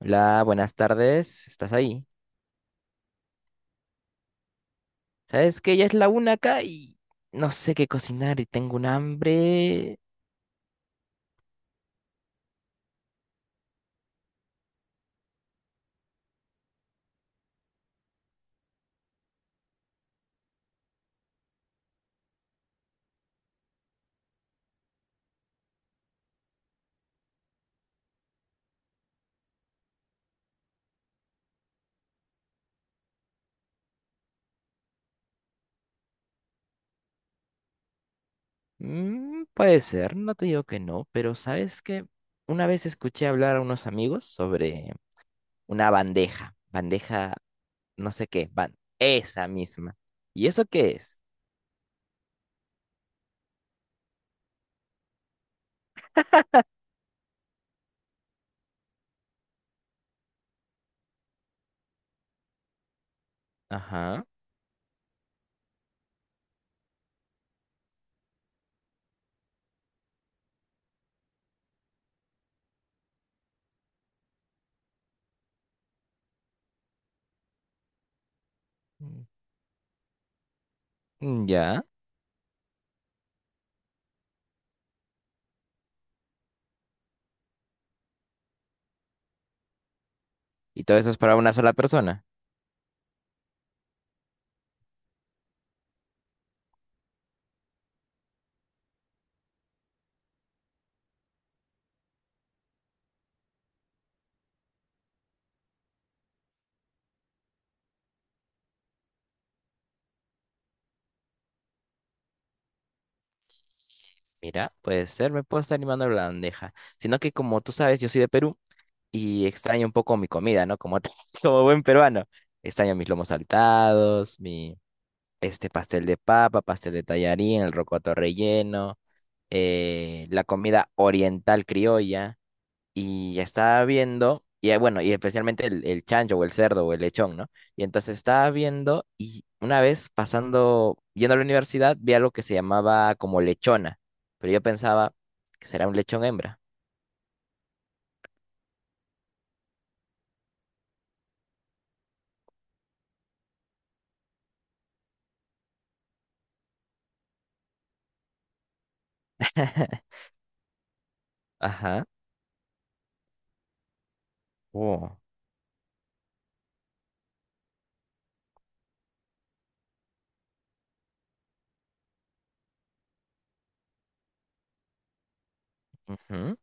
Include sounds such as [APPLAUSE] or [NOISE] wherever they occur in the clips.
Hola, buenas tardes. ¿Estás ahí? ¿Sabes que ya es la una acá y no sé qué cocinar y tengo un hambre? Mm, puede ser, no te digo que no, pero ¿sabes que una vez escuché hablar a unos amigos sobre una bandeja, bandeja no sé qué, esa misma? ¿Y eso qué es? Ajá. Mm, ya. ¿Y todo eso es para una sola persona? Mira, puede ser, me puedo estar animando a la bandeja. Sino que como tú sabes, yo soy de Perú. Y extraño un poco mi comida, ¿no? Como, [LAUGHS] como buen peruano. Extraño mis lomos saltados, mi este pastel de papa, pastel de tallarín, el rocoto relleno, la comida oriental criolla. Y estaba viendo, y bueno, y especialmente el chancho o el cerdo o el lechón, ¿no? Y entonces estaba viendo y una vez pasando, yendo a la universidad, vi algo que se llamaba como lechona. Pero yo pensaba que será un lechón hembra. [LAUGHS] Ajá. Oh. Ujú.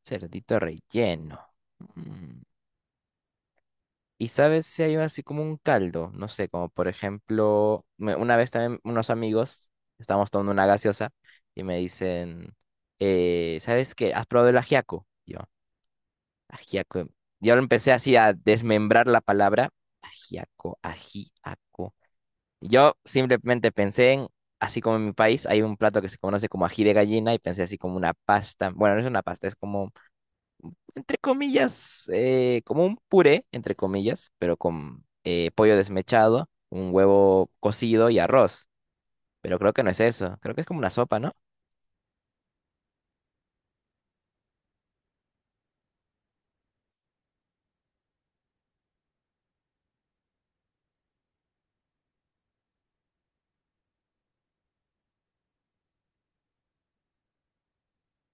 Cerdito relleno. Mm. ¿Y sabes si hay así como un caldo? No sé, como por ejemplo, una vez también unos amigos, estábamos tomando una gaseosa y me dicen, ¿sabes qué? ¿Has probado el ajiaco? Y yo, ajiaco. Yo lo empecé así a desmembrar la palabra, ajiaco, ajiaco. Yo simplemente pensé en, así como en mi país, hay un plato que se conoce como ají de gallina y pensé así como una pasta. Bueno, no es una pasta, es como entre comillas, como un puré, entre comillas, pero con pollo desmechado, un huevo cocido y arroz. Pero creo que no es eso, creo que es como una sopa, ¿no?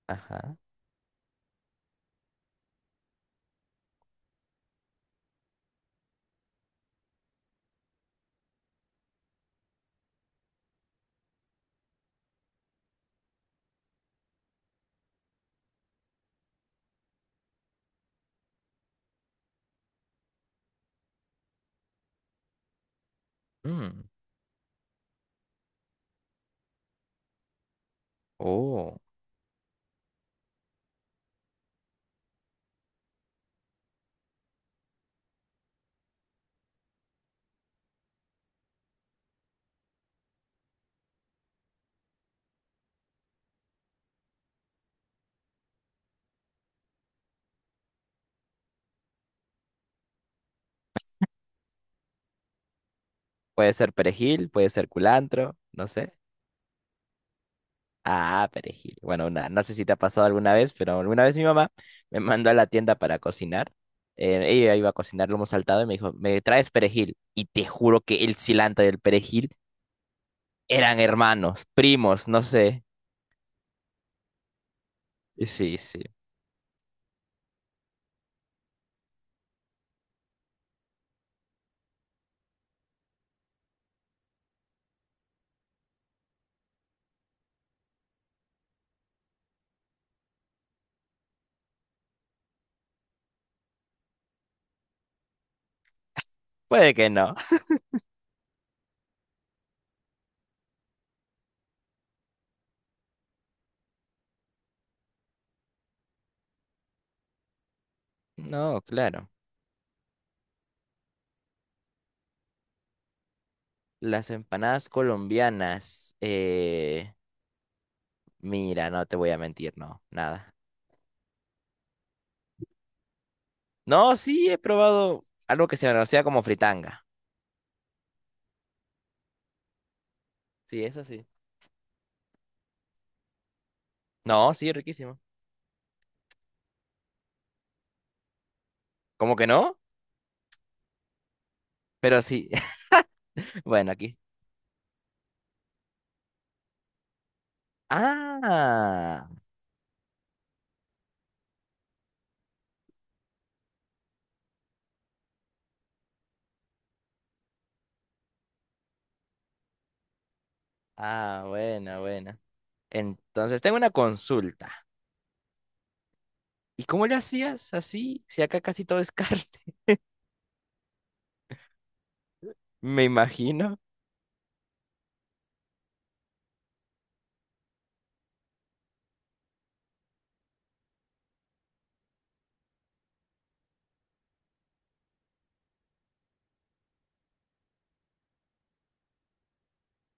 Ajá. Mm. Oh. Puede ser perejil, puede ser culantro, no sé. Ah, perejil. Bueno, no sé si te ha pasado alguna vez, pero alguna vez mi mamá me mandó a la tienda para cocinar. Ella iba a cocinar lomo saltado y me dijo, ¿me traes perejil? Y te juro que el cilantro y el perejil eran hermanos, primos, no sé. Y sí, sí. Puede que no. No, claro. Las empanadas colombianas. Mira, no te voy a mentir, no, nada. No, sí he probado algo que se conocía como fritanga. Sí, eso sí. No, sí, riquísimo. ¿Cómo que no? Pero sí. [LAUGHS] Bueno, aquí. Ah, ah, bueno, bueno. Entonces tengo una consulta. ¿Y cómo le hacías así? Si acá casi todo es carne. [LAUGHS] Me imagino.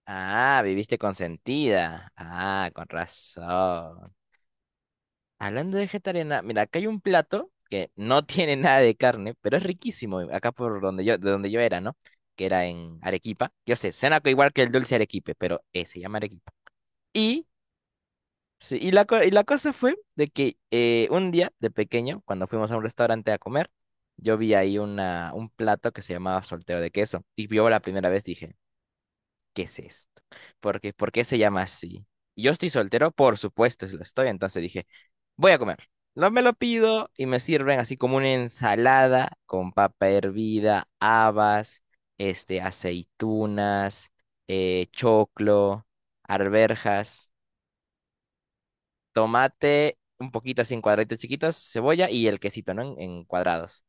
Ah, viviste consentida. Ah, con razón. Hablando de vegetariana, mira, acá hay un plato que no [LAUGHS] tiene nada de carne, pero es riquísimo, acá por donde yo, de donde yo era, ¿no? Que era en Arequipa. Yo sé, igual que el dulce arequipe, pero se llama Arequipa. Y, sí, y, y la cosa fue de que un día de pequeño, cuando fuimos a un restaurante a comer, yo vi ahí una, un plato que se llamaba solteo de queso. Y yo la primera vez dije, ¿qué es esto? ¿Por qué se llama así? Y yo estoy soltero, por supuesto, si lo estoy, entonces dije, voy a comer. No me lo pido y me sirven así como una ensalada con papa hervida, habas, este, aceitunas, choclo, arberjas, tomate, un poquito así en cuadraditos chiquitos, cebolla y el quesito, ¿no? En cuadrados.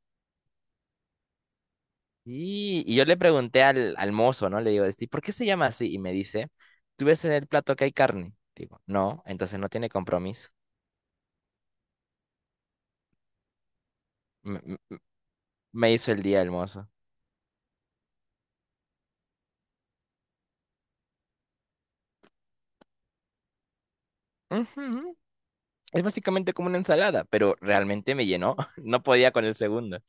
Y yo le pregunté al mozo, ¿no? Le digo, este, ¿por qué se llama así? Y me dice, ¿tú ves en el plato que hay carne? Digo, no, entonces no tiene compromiso. Me, me- me hizo el día el mozo. Ujú. Es básicamente como una ensalada, pero realmente me llenó. [LAUGHS] No podía con el segundo.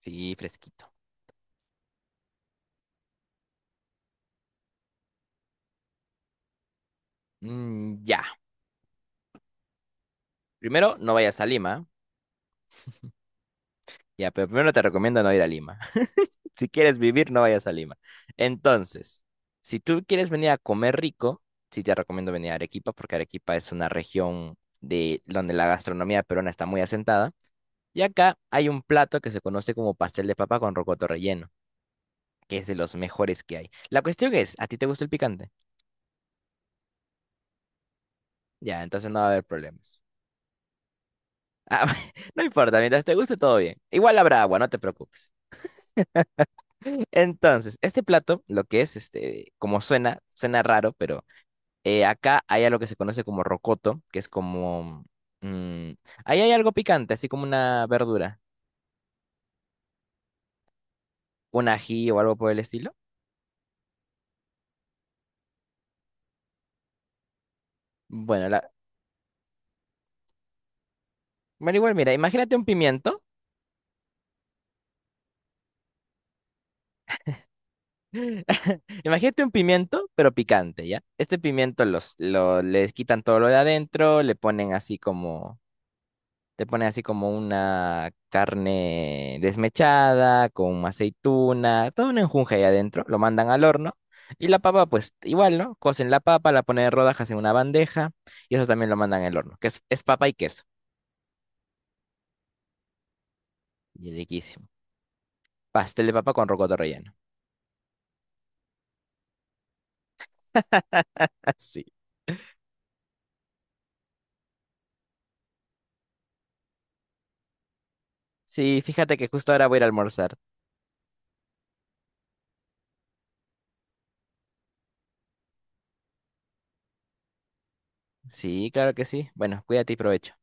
Sí, fresquito. Mm, ya. Primero, no vayas a Lima. Ya, pero primero te recomiendo no ir a Lima. Si quieres vivir, no vayas a Lima. Entonces, si tú quieres venir a comer rico, sí te recomiendo venir a Arequipa, porque Arequipa es una región de donde la gastronomía peruana está muy asentada. Y acá hay un plato que se conoce como pastel de papa con rocoto relleno, que es de los mejores que hay. La cuestión es, ¿a ti te gusta el picante? Ya, entonces no va a haber problemas. Ah, [LAUGHS] no importa, mientras te guste todo bien. Igual habrá agua, no te preocupes. Entonces, este plato, lo que es, este, como suena, suena raro, pero acá hay algo que se conoce como rocoto, que es como... mm, ahí hay algo picante, así como una verdura, un ají o algo por el estilo. Bueno, la... Bueno, igual, mira, imagínate un pimiento, [LAUGHS] imagínate un pimiento, pero picante, ¿ya? Este pimiento les quitan todo lo de adentro, le ponen así como te ponen así como una carne desmechada, con aceituna, todo un enjunje ahí adentro, lo mandan al horno. Y la papa, pues igual, ¿no? Cocen la papa, la ponen en rodajas en una bandeja, y eso también lo mandan al horno, que es papa y queso. Y riquísimo. Pastel de papa con rocoto relleno. [LAUGHS] Así. Sí, fíjate que justo ahora voy a ir a almorzar. Sí, claro que sí. Bueno, cuídate y provecho.